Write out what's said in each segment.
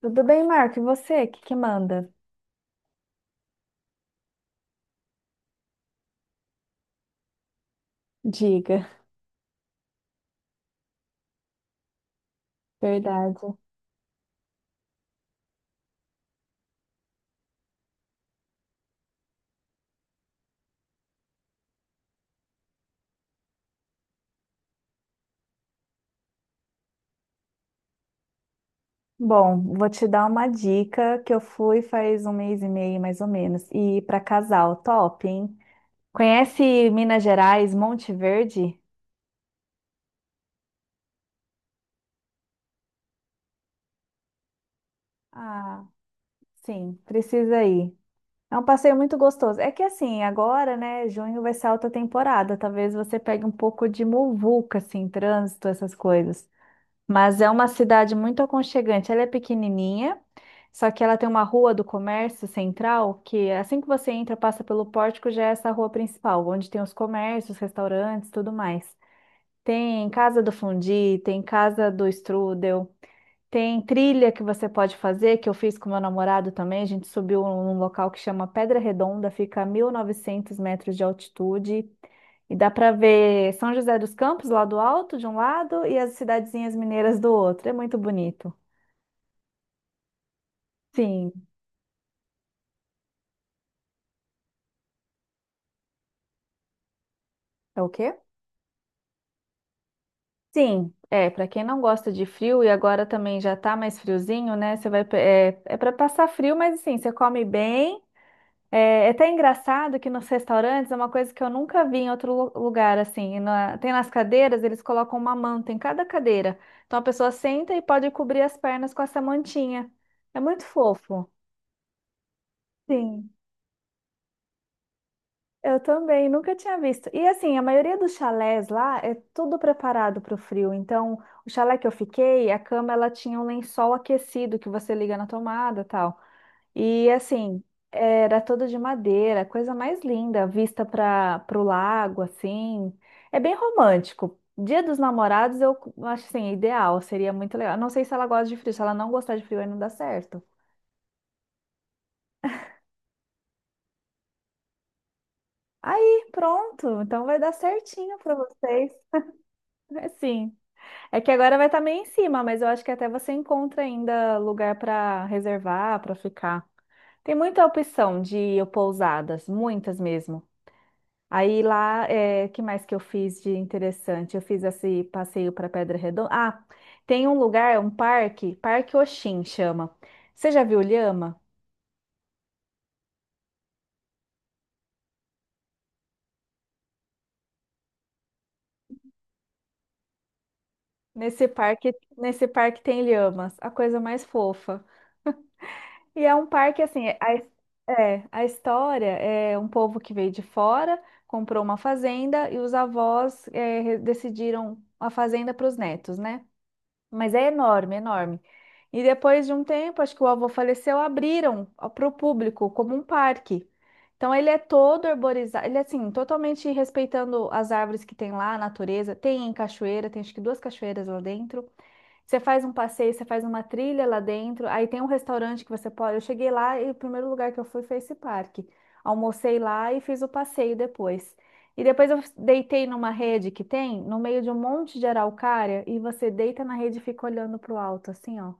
Tudo bem, Marco? E você? O que que manda? Diga. Verdade. Bom, vou te dar uma dica que eu fui faz um mês e meio, mais ou menos. E para casal, top, hein? Conhece Minas Gerais, Monte Verde? Ah, sim, precisa ir. É um passeio muito gostoso. É que assim, agora, né, junho vai ser alta temporada. Talvez você pegue um pouco de muvuca, assim, trânsito, essas coisas. Mas é uma cidade muito aconchegante. Ela é pequenininha, só que ela tem uma rua do comércio central que assim que você entra, passa pelo pórtico, já é essa rua principal, onde tem os comércios, restaurantes, tudo mais. Tem casa do fundi, tem casa do strudel. Tem trilha que você pode fazer, que eu fiz com meu namorado também. A gente subiu um, num local que chama Pedra Redonda, fica a 1.900 metros de altitude. E dá para ver São José dos Campos lá do alto, de um lado, e as cidadezinhas mineiras do outro. É muito bonito. Sim. É o quê? Sim, é, para quem não gosta de frio e agora também já tá mais friozinho, né? Você vai, é para passar frio, mas assim, você come bem. É até engraçado que nos restaurantes é uma coisa que eu nunca vi em outro lugar, assim. Tem nas cadeiras, eles colocam uma manta em cada cadeira. Então a pessoa senta e pode cobrir as pernas com essa mantinha. É muito fofo. Sim, eu também, nunca tinha visto. E assim, a maioria dos chalés lá é tudo preparado para o frio. Então, o chalé que eu fiquei, a cama ela tinha um lençol aquecido que você liga na tomada, tal. E assim, era toda de madeira, coisa mais linda, vista para o lago, assim. É bem romântico. Dia dos Namorados eu acho assim, ideal, seria muito legal. Não sei se ela gosta de frio, se ela não gostar de frio aí não dá certo. Aí, pronto, então vai dar certinho para vocês. É sim. É que agora vai estar meio em cima, mas eu acho que até você encontra ainda lugar para reservar, para ficar. Tem muita opção de pousadas, muitas mesmo. Aí lá, é, que mais que eu fiz de interessante? Eu fiz esse passeio para Pedra Redonda. Ah, tem um lugar, um parque, Parque Oxin chama. Você já viu lhama? Nesse parque tem lhamas, a coisa mais fofa. E é um parque assim, a, é, a história é um povo que veio de fora, comprou uma fazenda e os avós é, decidiram a fazenda para os netos, né? Mas é enorme, enorme. E depois de um tempo, acho que o avô faleceu, abriram para o público como um parque. Então ele é todo arborizado, ele é assim, totalmente respeitando as árvores que tem lá, a natureza. Tem cachoeira, tem acho que duas cachoeiras lá dentro. Você faz um passeio, você faz uma trilha lá dentro, aí tem um restaurante que você pode. Eu cheguei lá e o primeiro lugar que eu fui foi esse parque. Almocei lá e fiz o passeio depois. E depois eu deitei numa rede que tem, no meio de um monte de araucária, e você deita na rede e fica olhando pro alto, assim, ó.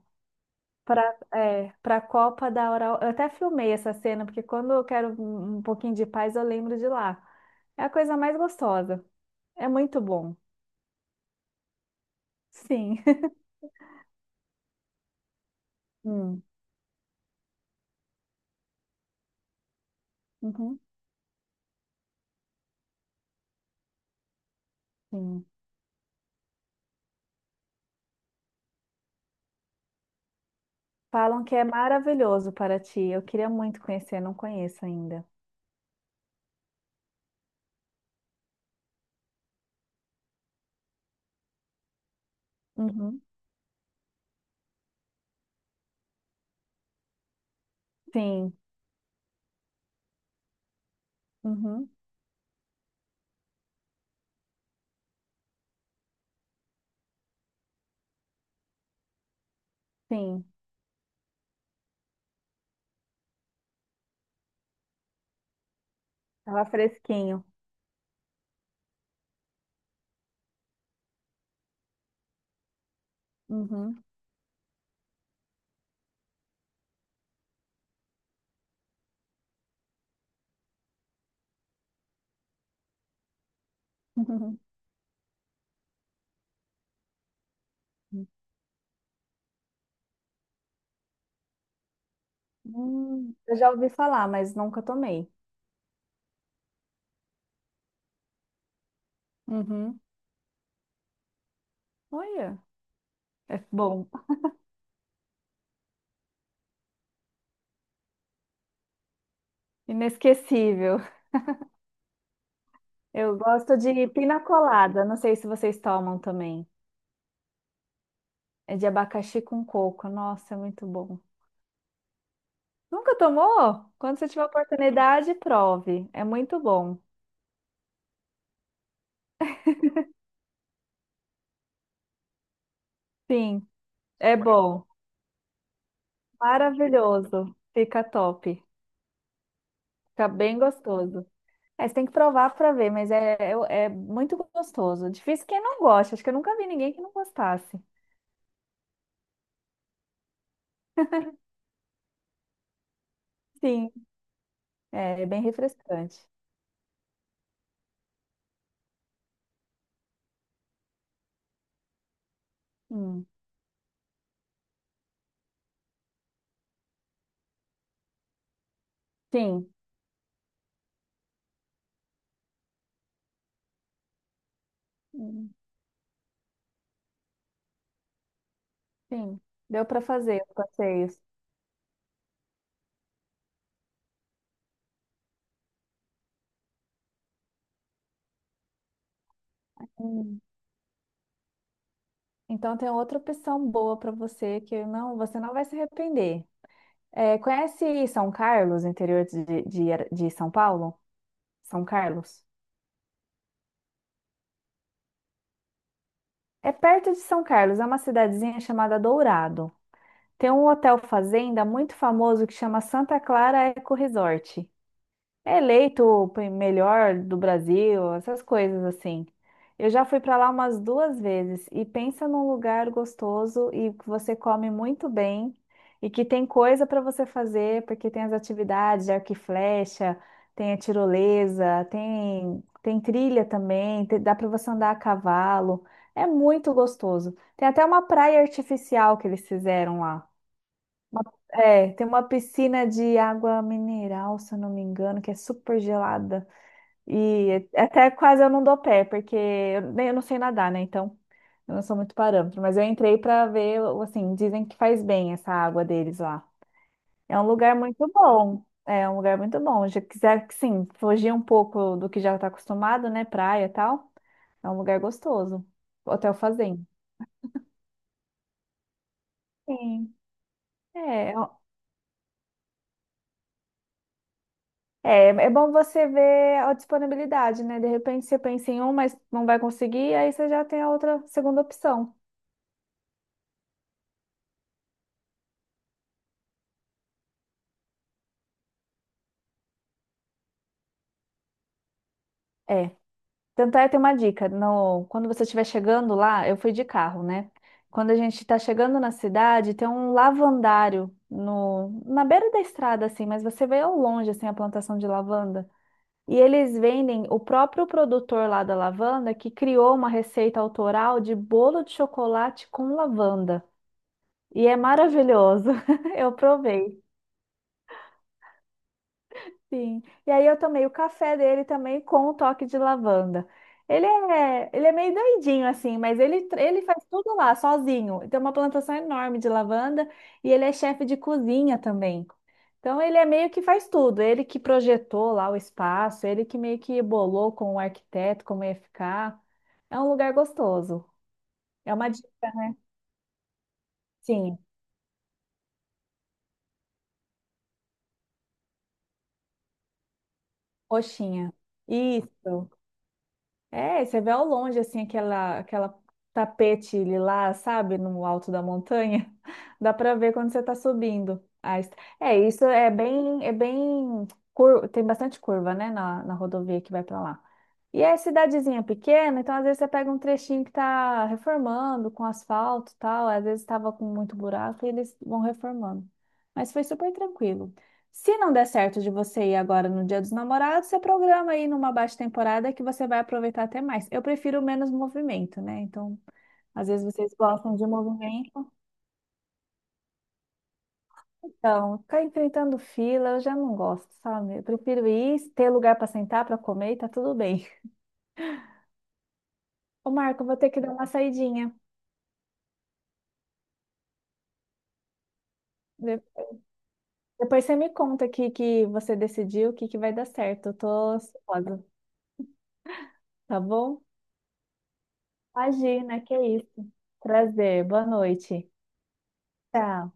Pra, é, pra Copa da Oral. Eu até filmei essa cena, porque quando eu quero um pouquinho de paz, eu lembro de lá. É a coisa mais gostosa. É muito bom. Sim. Hum. Uhum. Sim. Falam que é maravilhoso Paraty. Eu queria muito conhecer, não conheço ainda. Uhum. Sim, uhum. Sim. Tava fresquinho. Uhum. Eu já ouvi falar, mas nunca tomei. Uhum. Olha, é bom. Inesquecível. Eu gosto de pina colada. Não sei se vocês tomam também. É de abacaxi com coco. Nossa, é muito bom. Nunca tomou? Quando você tiver oportunidade, prove. É muito bom. Sim, é bom. Maravilhoso. Fica top. Fica bem gostoso. É, você tem que provar para ver, mas é muito gostoso. Difícil quem não gosta. Acho que eu nunca vi ninguém que não gostasse. Sim, é bem refrescante. Hum. Sim. Hum, sim. Deu para fazer os passeios. Hum. Então tem outra opção boa para você que não, você não vai se arrepender. É, conhece São Carlos, interior de São Paulo? São Carlos? É perto de São Carlos, é uma cidadezinha chamada Dourado. Tem um hotel fazenda muito famoso que chama Santa Clara Eco Resort. É eleito o melhor do Brasil, essas coisas assim. Eu já fui para lá umas duas vezes e pensa num lugar gostoso e que você come muito bem e que tem coisa para você fazer, porque tem as atividades de arco e flecha, tem a tirolesa, tem, tem trilha também, dá para você andar a cavalo. É muito gostoso. Tem até uma praia artificial que eles fizeram lá. É, tem uma piscina de água mineral, se eu não me engano, que é super gelada. E até quase eu não dou pé, porque eu, eu não sei nadar, né? Então, eu não sou muito parâmetro. Mas eu entrei pra ver, assim, dizem que faz bem essa água deles lá. É um lugar muito bom. É um lugar muito bom. Já quiser, sim, fugir um pouco do que já tá acostumado, né? Praia e tal. É um lugar gostoso. Hotel Fazenda. Sim. É, é bom você ver a disponibilidade, né? De repente você pensa em um, mas não vai conseguir, aí você já tem a outra segunda opção. É. Tanto é, tem uma dica. No, quando você estiver chegando lá, eu fui de carro, né? Quando a gente está chegando na cidade, tem um lavandário no, na beira da estrada, assim, mas você vê ao longe, assim, a plantação de lavanda. E eles vendem o próprio produtor lá da lavanda que criou uma receita autoral de bolo de chocolate com lavanda. E é maravilhoso. Eu provei, sim. E aí eu tomei o café dele também com um toque de lavanda. Ele é meio doidinho assim, mas ele faz tudo lá sozinho. Tem uma plantação enorme de lavanda e ele é chefe de cozinha também. Então ele é meio que faz tudo. Ele que projetou lá o espaço, ele que meio que bolou com o arquiteto como ia ficar. É um lugar gostoso. É uma, sim, roxinha. Isso. É, você vê ao longe, assim, aquela, aquela tapete lilás, sabe, no alto da montanha. Dá para ver quando você está subindo. É, isso é bem, é bem, tem bastante curva, né, na, na rodovia que vai para lá. E é cidadezinha pequena, então às vezes você pega um trechinho que tá reformando com asfalto e tal, às vezes estava com muito buraco e eles vão reformando. Mas foi super tranquilo. Se não der certo de você ir agora no Dia dos Namorados, você programa aí numa baixa temporada que você vai aproveitar até mais. Eu prefiro menos movimento, né? Então, às vezes vocês gostam de movimento. Então, ficar enfrentando fila, eu já não gosto, sabe? Eu prefiro ir, ter lugar para sentar, para comer, e tá tudo bem. Ô, Marco, eu vou ter que dar uma saidinha. De- Depois você me conta aqui que você decidiu, o que que vai dar certo. Eu tô ansiosa, tá bom? Imagina, que é isso. Prazer, boa noite. Tchau.